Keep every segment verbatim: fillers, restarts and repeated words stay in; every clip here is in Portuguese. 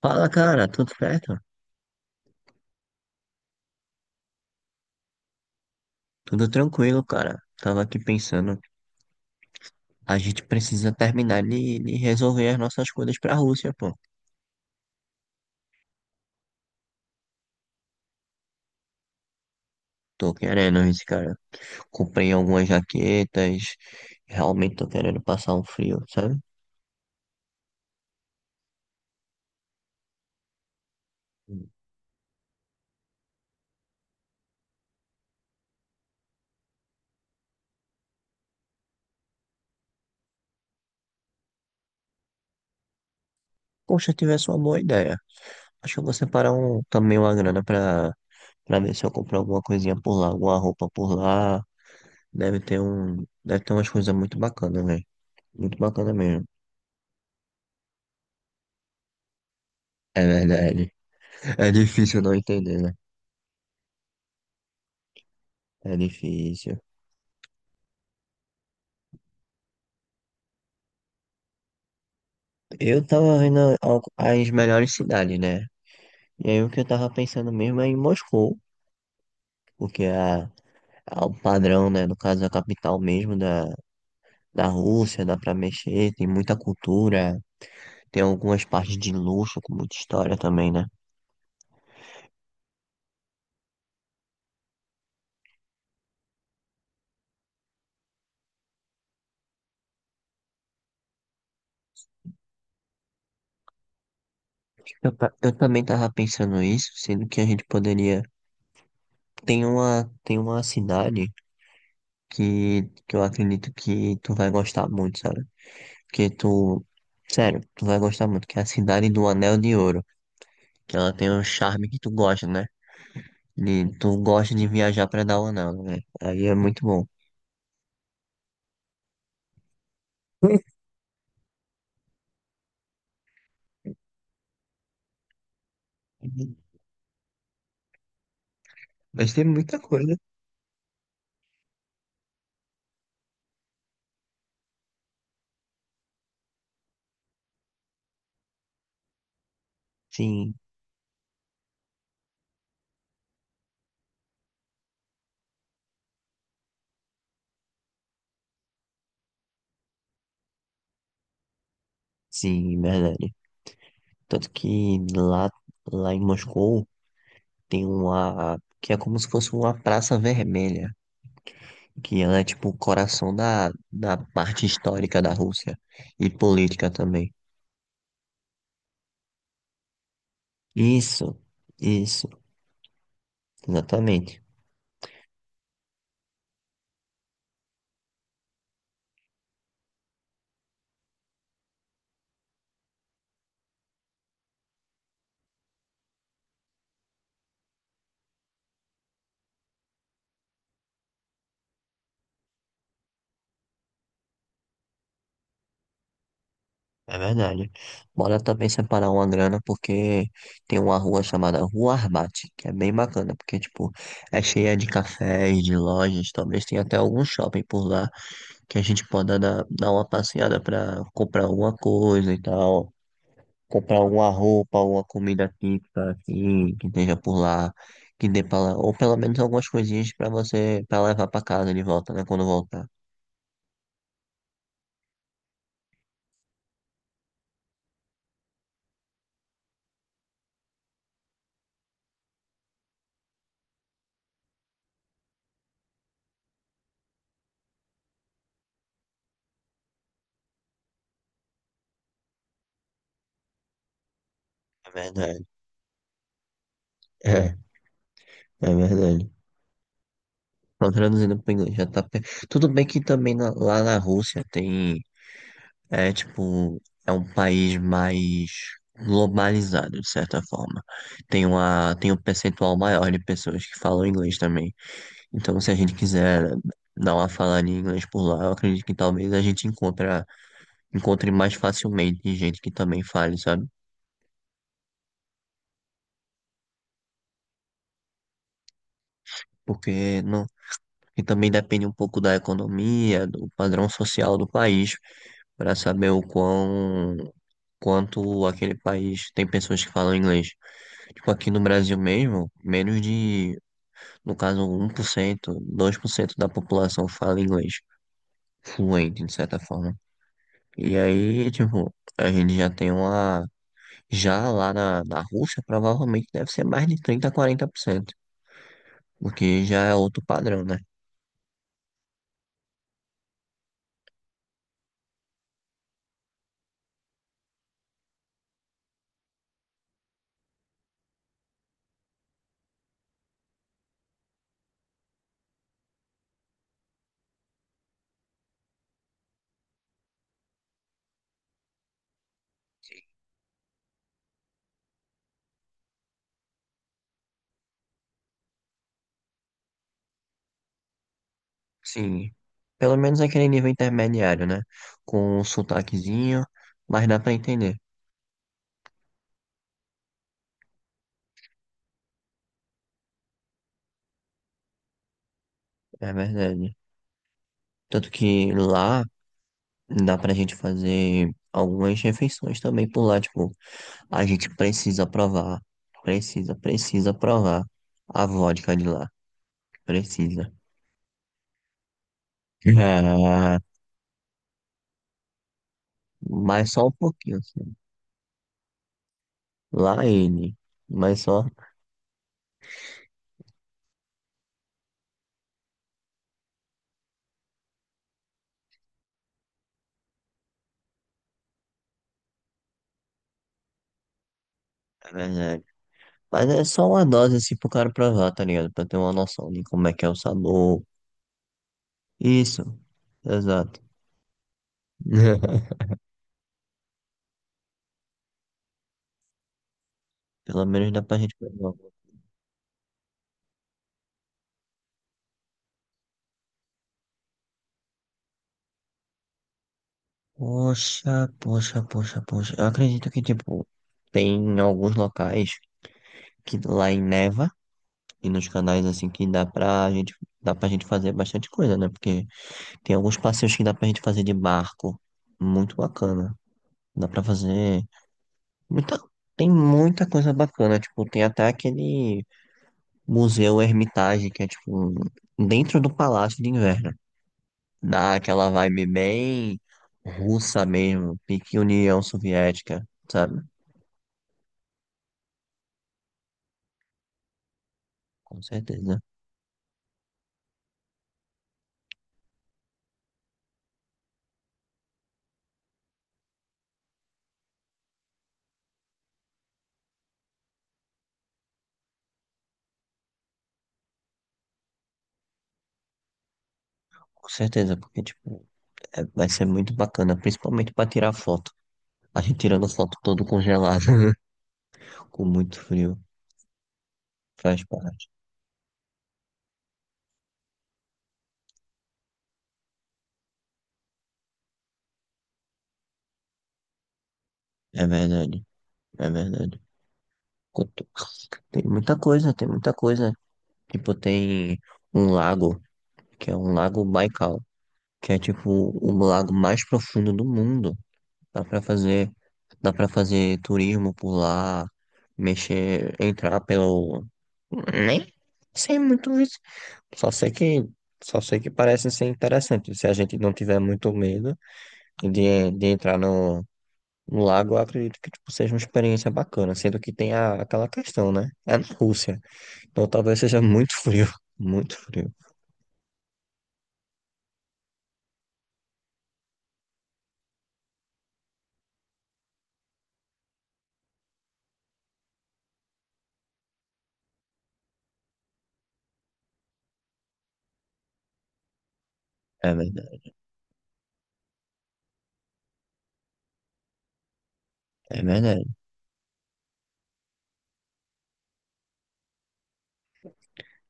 Fala, cara, tudo certo? Tudo tranquilo, cara. Tava aqui pensando, a gente precisa terminar de, de resolver as nossas coisas pra Rússia, pô. Tô querendo isso, cara. Comprei algumas jaquetas, realmente tô querendo passar um frio, sabe? Poxa, tivesse uma boa ideia. Acho que eu vou separar um, também uma grana pra, pra ver se eu compro alguma coisinha por lá, alguma roupa por lá. Deve ter um, deve ter umas coisas muito bacanas, velho. Muito bacana mesmo. É verdade. É difícil não entender, né? É difícil. Eu tava vendo al- as melhores cidades, né? E aí o que eu tava pensando mesmo é em Moscou, porque é, a- é o padrão, né? No caso, é a capital mesmo da, da Rússia, dá pra mexer, tem muita cultura, tem algumas partes de luxo, com muita história também, né? Eu, ta- eu também tava pensando isso, sendo que a gente poderia. Tem uma, tem uma cidade que, que eu acredito que tu vai gostar muito, sabe? Porque tu. Sério, tu vai gostar muito, que é a Cidade do Anel de Ouro. Que ela tem um charme que tu gosta, né? De, tu gosta de viajar pra dar aula nela, né? Aí é muito bom. Mas tem muita coisa. Sim, sim, verdade. Tanto que lá, lá em Moscou tem uma que é como se fosse uma praça vermelha, que ela é tipo o coração da, da parte histórica da Rússia e política também. Isso, isso, exatamente. É verdade. Bora também separar uma grana, porque tem uma rua chamada Rua Arbat, que é bem bacana, porque, tipo, é cheia de cafés, de lojas, talvez tenha até algum shopping por lá, que a gente possa dar, dar uma passeada pra comprar alguma coisa e tal, comprar alguma roupa, alguma comida típica, assim, que esteja por lá, que dê pra lá, ou pelo menos algumas coisinhas pra você, pra levar pra casa de volta, né, quando voltar. É verdade. É, é verdade. Não, traduzindo para inglês, já tá. pe- Tudo bem que também na- lá na Rússia tem. É tipo. É um país mais globalizado, de certa forma. Tem uma, tem um percentual maior de pessoas que falam inglês também. Então, se a gente quiser dar uma falada em inglês por lá, eu acredito que talvez a gente encontra, encontre mais facilmente gente que também fale, sabe? Porque não, e também depende um pouco da economia, do padrão social do país, para saber o quão quanto aquele país tem pessoas que falam inglês. Tipo, aqui no Brasil mesmo, menos de, no caso, um por cento dois por cento da população fala inglês fluente, de certa forma. E aí, tipo, a gente já tem uma. Já lá na, na Rússia, provavelmente deve ser mais de trinta a quarenta por cento porque já é outro padrão, né? Sim, pelo menos aquele nível intermediário, né? Com um sotaquezinho, mas dá pra entender, é verdade. Tanto que lá dá pra gente fazer algumas refeições também por lá. Tipo, a gente precisa provar. Precisa, precisa provar a vodka de lá. Precisa. É, mas só um pouquinho, assim. Lá ele. Mas só. É verdade. Mas é só uma dose, assim, pro cara provar, tá ligado? Pra ter uma noção de como é que é o sabor. Isso. Exato. Pelo menos dá pra gente provar. Poxa, poxa, poxa, poxa. Eu acredito que, tipo, tem alguns locais. Que lá em Neva e nos canais assim que dá pra gente dá pra gente fazer bastante coisa, né? Porque tem alguns passeios que dá pra gente fazer de barco, muito bacana. Dá pra fazer muita tem muita coisa bacana, tipo, tem até aquele museu Hermitage que é tipo dentro do Palácio de Inverno. Dá aquela vibe bem russa mesmo, pique União Soviética, sabe? Com certeza. Com certeza, porque tipo, é- vai ser muito bacana, principalmente pra tirar foto. A gente tirando foto todo congelado, com muito frio, faz parte. É verdade, é verdade. Quanto- tem muita coisa, tem muita coisa. Tipo, tem um lago, que é um lago Baikal, que é tipo o lago mais profundo do mundo. Dá pra fazer, dá pra fazer turismo por lá, mexer, entrar pelo. Nem sei muito isso. Só sei que, só sei que parece ser interessante. Se a gente não tiver muito medo de, de entrar no, no lago, eu acredito que tipo, seja uma experiência bacana, sendo que tem a, aquela questão, né? É na Rússia, então talvez seja muito frio, muito frio. É verdade, é verdade,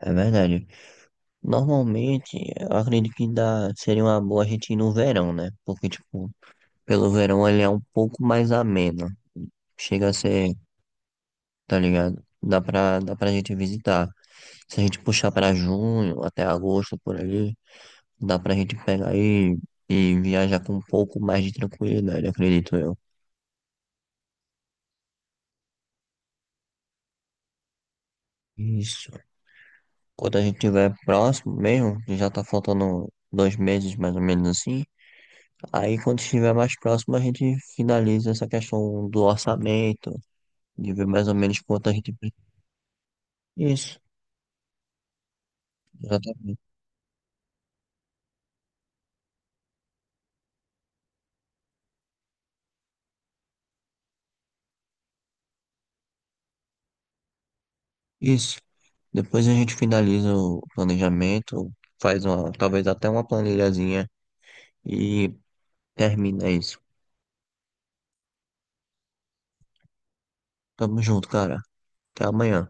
é verdade. Normalmente, eu acredito que dá, seria uma boa a gente ir no verão, né? Porque, tipo, pelo verão ele é um pouco mais ameno. Chega a ser, tá ligado? Dá pra, dá pra gente visitar. Se a gente puxar pra junho, até agosto, por ali. Dá pra gente pegar e, e viajar com um pouco mais de tranquilidade, acredito eu. Isso. Quando a gente estiver próximo mesmo, que já tá faltando dois meses mais ou menos assim. Aí quando estiver mais próximo, a gente finaliza essa questão do orçamento, de ver mais ou menos quanto a gente. Pre- isso, exatamente. Isso. Depois a gente finaliza o planejamento, faz uma, talvez até uma planilhazinha e termina isso. Tamo junto, cara. Até amanhã.